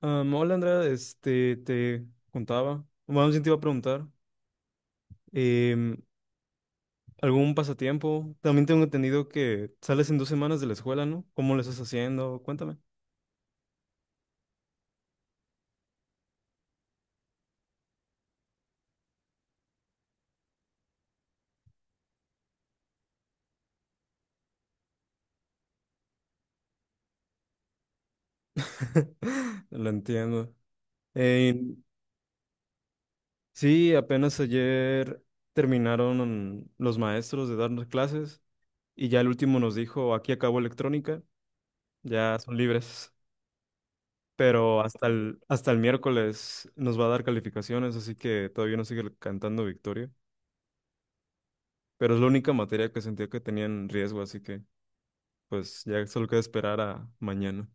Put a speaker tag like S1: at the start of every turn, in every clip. S1: Hola Andrea, te contaba, bueno, más bien te iba a preguntar, em, ¿algún pasatiempo? También tengo entendido que sales en 2 semanas de la escuela, ¿no? ¿Cómo lo estás haciendo? Cuéntame. Lo entiendo. Eh, sí, apenas ayer terminaron los maestros de darnos clases y ya el último nos dijo, aquí acabó electrónica, ya son libres. Pero hasta el miércoles nos va a dar calificaciones, así que todavía no sigue cantando victoria. Pero es la única materia que sentía que tenían riesgo, así que pues ya solo queda esperar a mañana.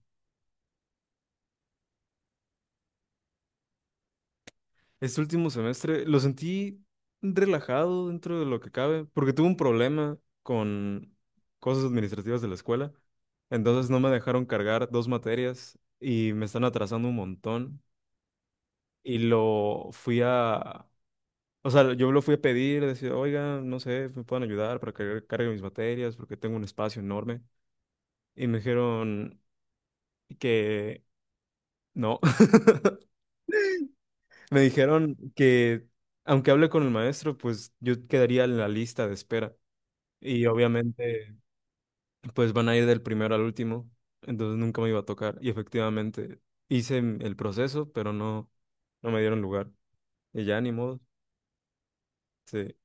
S1: Este último semestre lo sentí relajado dentro de lo que cabe, porque tuve un problema con cosas administrativas de la escuela, entonces no me dejaron cargar dos materias y me están atrasando un montón y lo fui a... O sea, yo lo fui a pedir, decir, oiga, no sé, me pueden ayudar para que cargue mis materias porque tengo un espacio enorme. Y me dijeron que no. Me dijeron que aunque hable con el maestro, pues yo quedaría en la lista de espera. Y obviamente, pues van a ir del primero al último, entonces nunca me iba a tocar. Y efectivamente hice el proceso, pero no, no me dieron lugar. Y ya ni modo. Sí.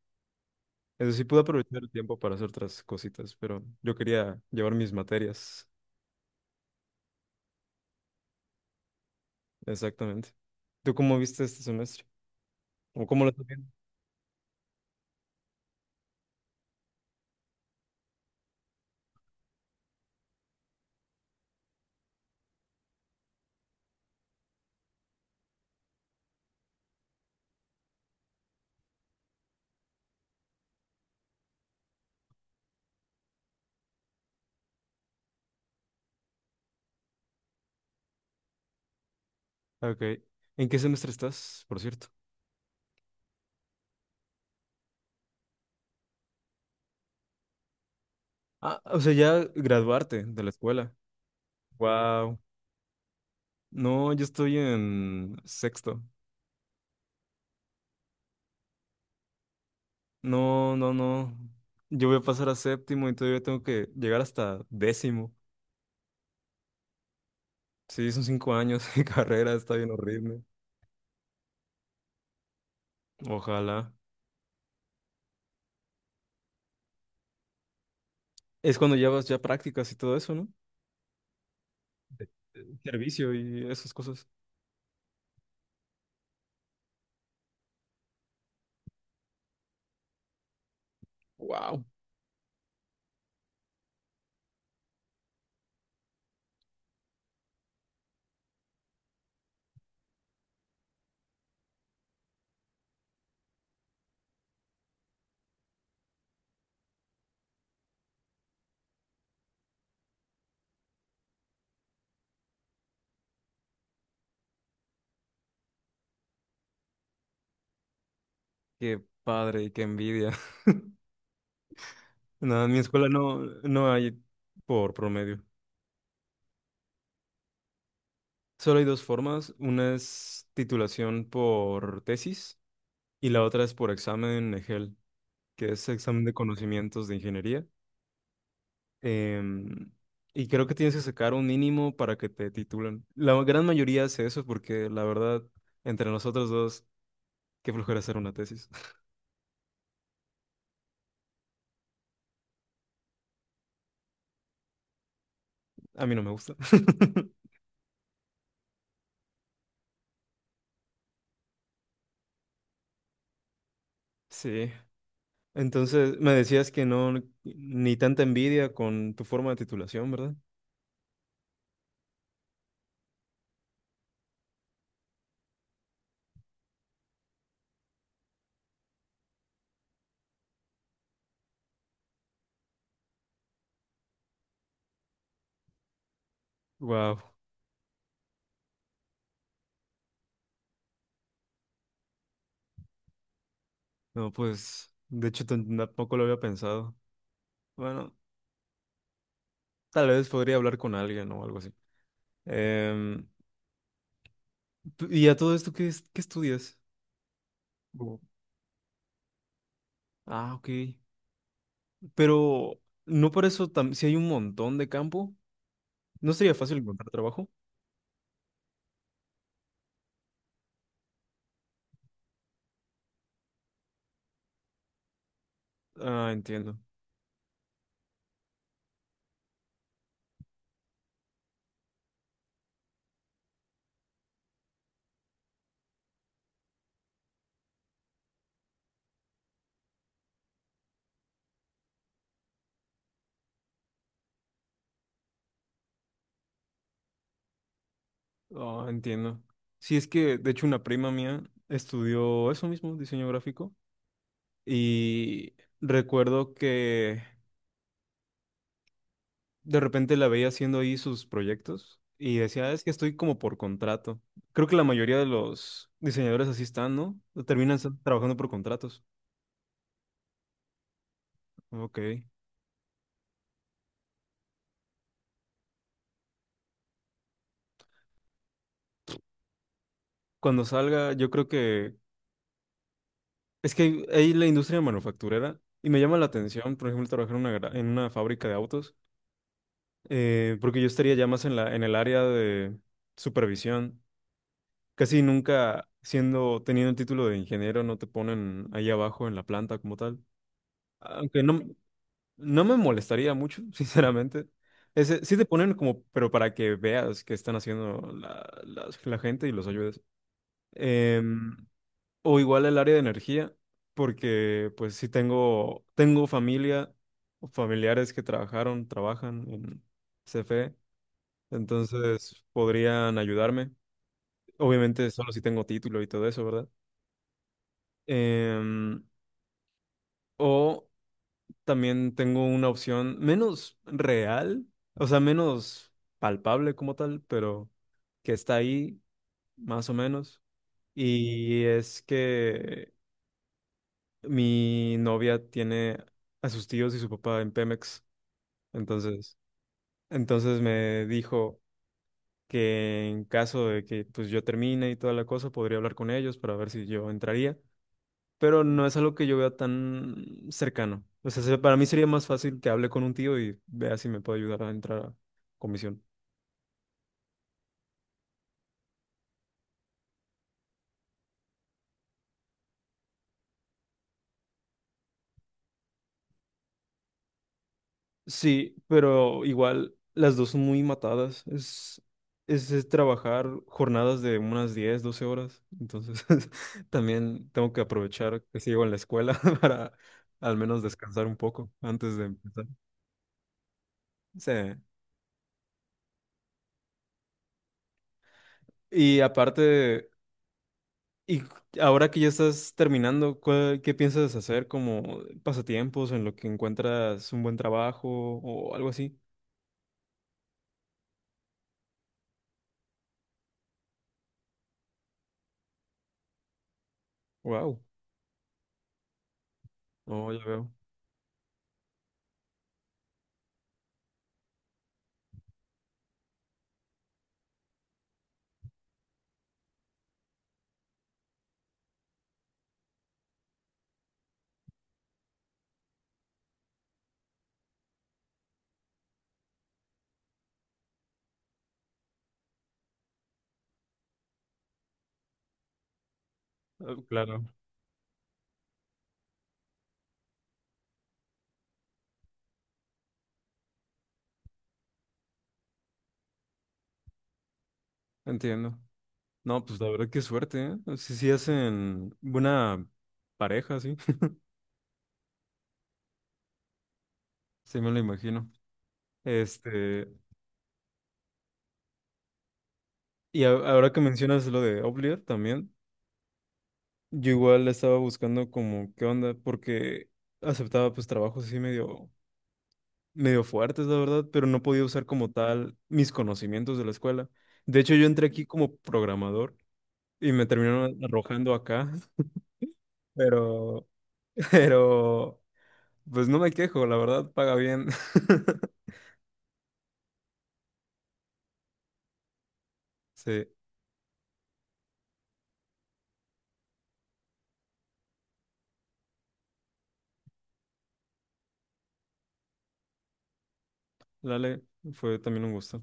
S1: Eso sí, pude aprovechar el tiempo para hacer otras cositas, pero yo quería llevar mis materias. Exactamente. ¿Tú cómo viste este semestre? ¿O cómo lo estás viendo? Ok. ¿En qué semestre estás, por cierto? Ah, o sea, ya graduarte de la escuela. Wow. No, yo estoy en sexto. No, no, no. Yo voy a pasar a séptimo y todavía tengo que llegar hasta décimo. Sí, son 5 años de carrera, está bien horrible. Ojalá. Es cuando llevas ya prácticas y todo eso, ¿no? Servicio y esas cosas. Wow. Qué padre y qué envidia. Nada, en mi escuela no, no hay por promedio. Solo hay dos formas. Una es titulación por tesis, y la otra es por examen EGEL, que es examen de conocimientos de ingeniería. Em, y creo que tienes que sacar un mínimo para que te titulen. La gran mayoría hace eso porque la verdad, entre nosotros dos, qué flojera hacer una tesis. A mí no me gusta. Sí. Entonces, me decías que no, ni tanta envidia con tu forma de titulación, ¿verdad? Wow. No, pues, de hecho, tampoco lo había pensado. Bueno, tal vez podría hablar con alguien o algo así. Em, ¿Y a todo esto qué, qué estudias? Mm. Ah, ok. Pero, ¿no por eso si hay un montón de campo? ¿No sería fácil encontrar trabajo? Ah, entiendo. Ah, entiendo. Sí, es que, de hecho, una prima mía estudió eso mismo, diseño gráfico, y recuerdo que de repente la veía haciendo ahí sus proyectos y decía, "Ah, es que estoy como por contrato." Creo que la mayoría de los diseñadores así están, ¿no? Terminan trabajando por contratos. Ok. Cuando salga, yo creo que es que hay la industria manufacturera y me llama la atención, por ejemplo, trabajar en en una fábrica de autos, porque yo estaría ya más en en el área de supervisión. Casi nunca siendo, teniendo el título de ingeniero, no te ponen ahí abajo en la planta como tal. Aunque no, no me molestaría mucho, sinceramente. Ese, sí te ponen como, pero para que veas qué están haciendo la gente y los ayudes. Em, o igual el área de energía, porque pues sí tengo familia, o familiares que trabajaron, trabajan en CFE, entonces podrían ayudarme. Obviamente solo si tengo título y todo eso, ¿verdad? Em, o también tengo una opción menos real, o sea, menos palpable como tal, pero que está ahí, más o menos. Y es que mi novia tiene a sus tíos y su papá en Pemex, entonces, entonces me dijo que en caso de que pues yo termine y toda la cosa, podría hablar con ellos para ver si yo entraría, pero no es algo que yo vea tan cercano. O sea, para mí sería más fácil que hable con un tío y vea si me puede ayudar a entrar a comisión. Sí, pero igual las dos son muy matadas. Es trabajar jornadas de unas 10-12 horas. Entonces, también tengo que aprovechar que sigo en la escuela para al menos descansar un poco antes de empezar. Sí. Y aparte, y ahora que ya estás terminando, ¿qué piensas hacer como pasatiempos en lo que encuentras un buen trabajo o algo así? Wow. Oh, ya veo. Ah, claro, entiendo. No, pues la verdad qué suerte, ¿eh? Sí, sí hacen buena pareja, sí. Sí me lo imagino. Este, y ahora que mencionas lo de Oblivion también, yo igual estaba buscando como qué onda, porque aceptaba pues trabajos así medio, medio fuertes, la verdad, pero no podía usar como tal mis conocimientos de la escuela. De hecho, yo entré aquí como programador y me terminaron arrojando acá, pero, pero, pues no me quejo, la verdad, paga bien. Sí. Dale, fue también un gusto.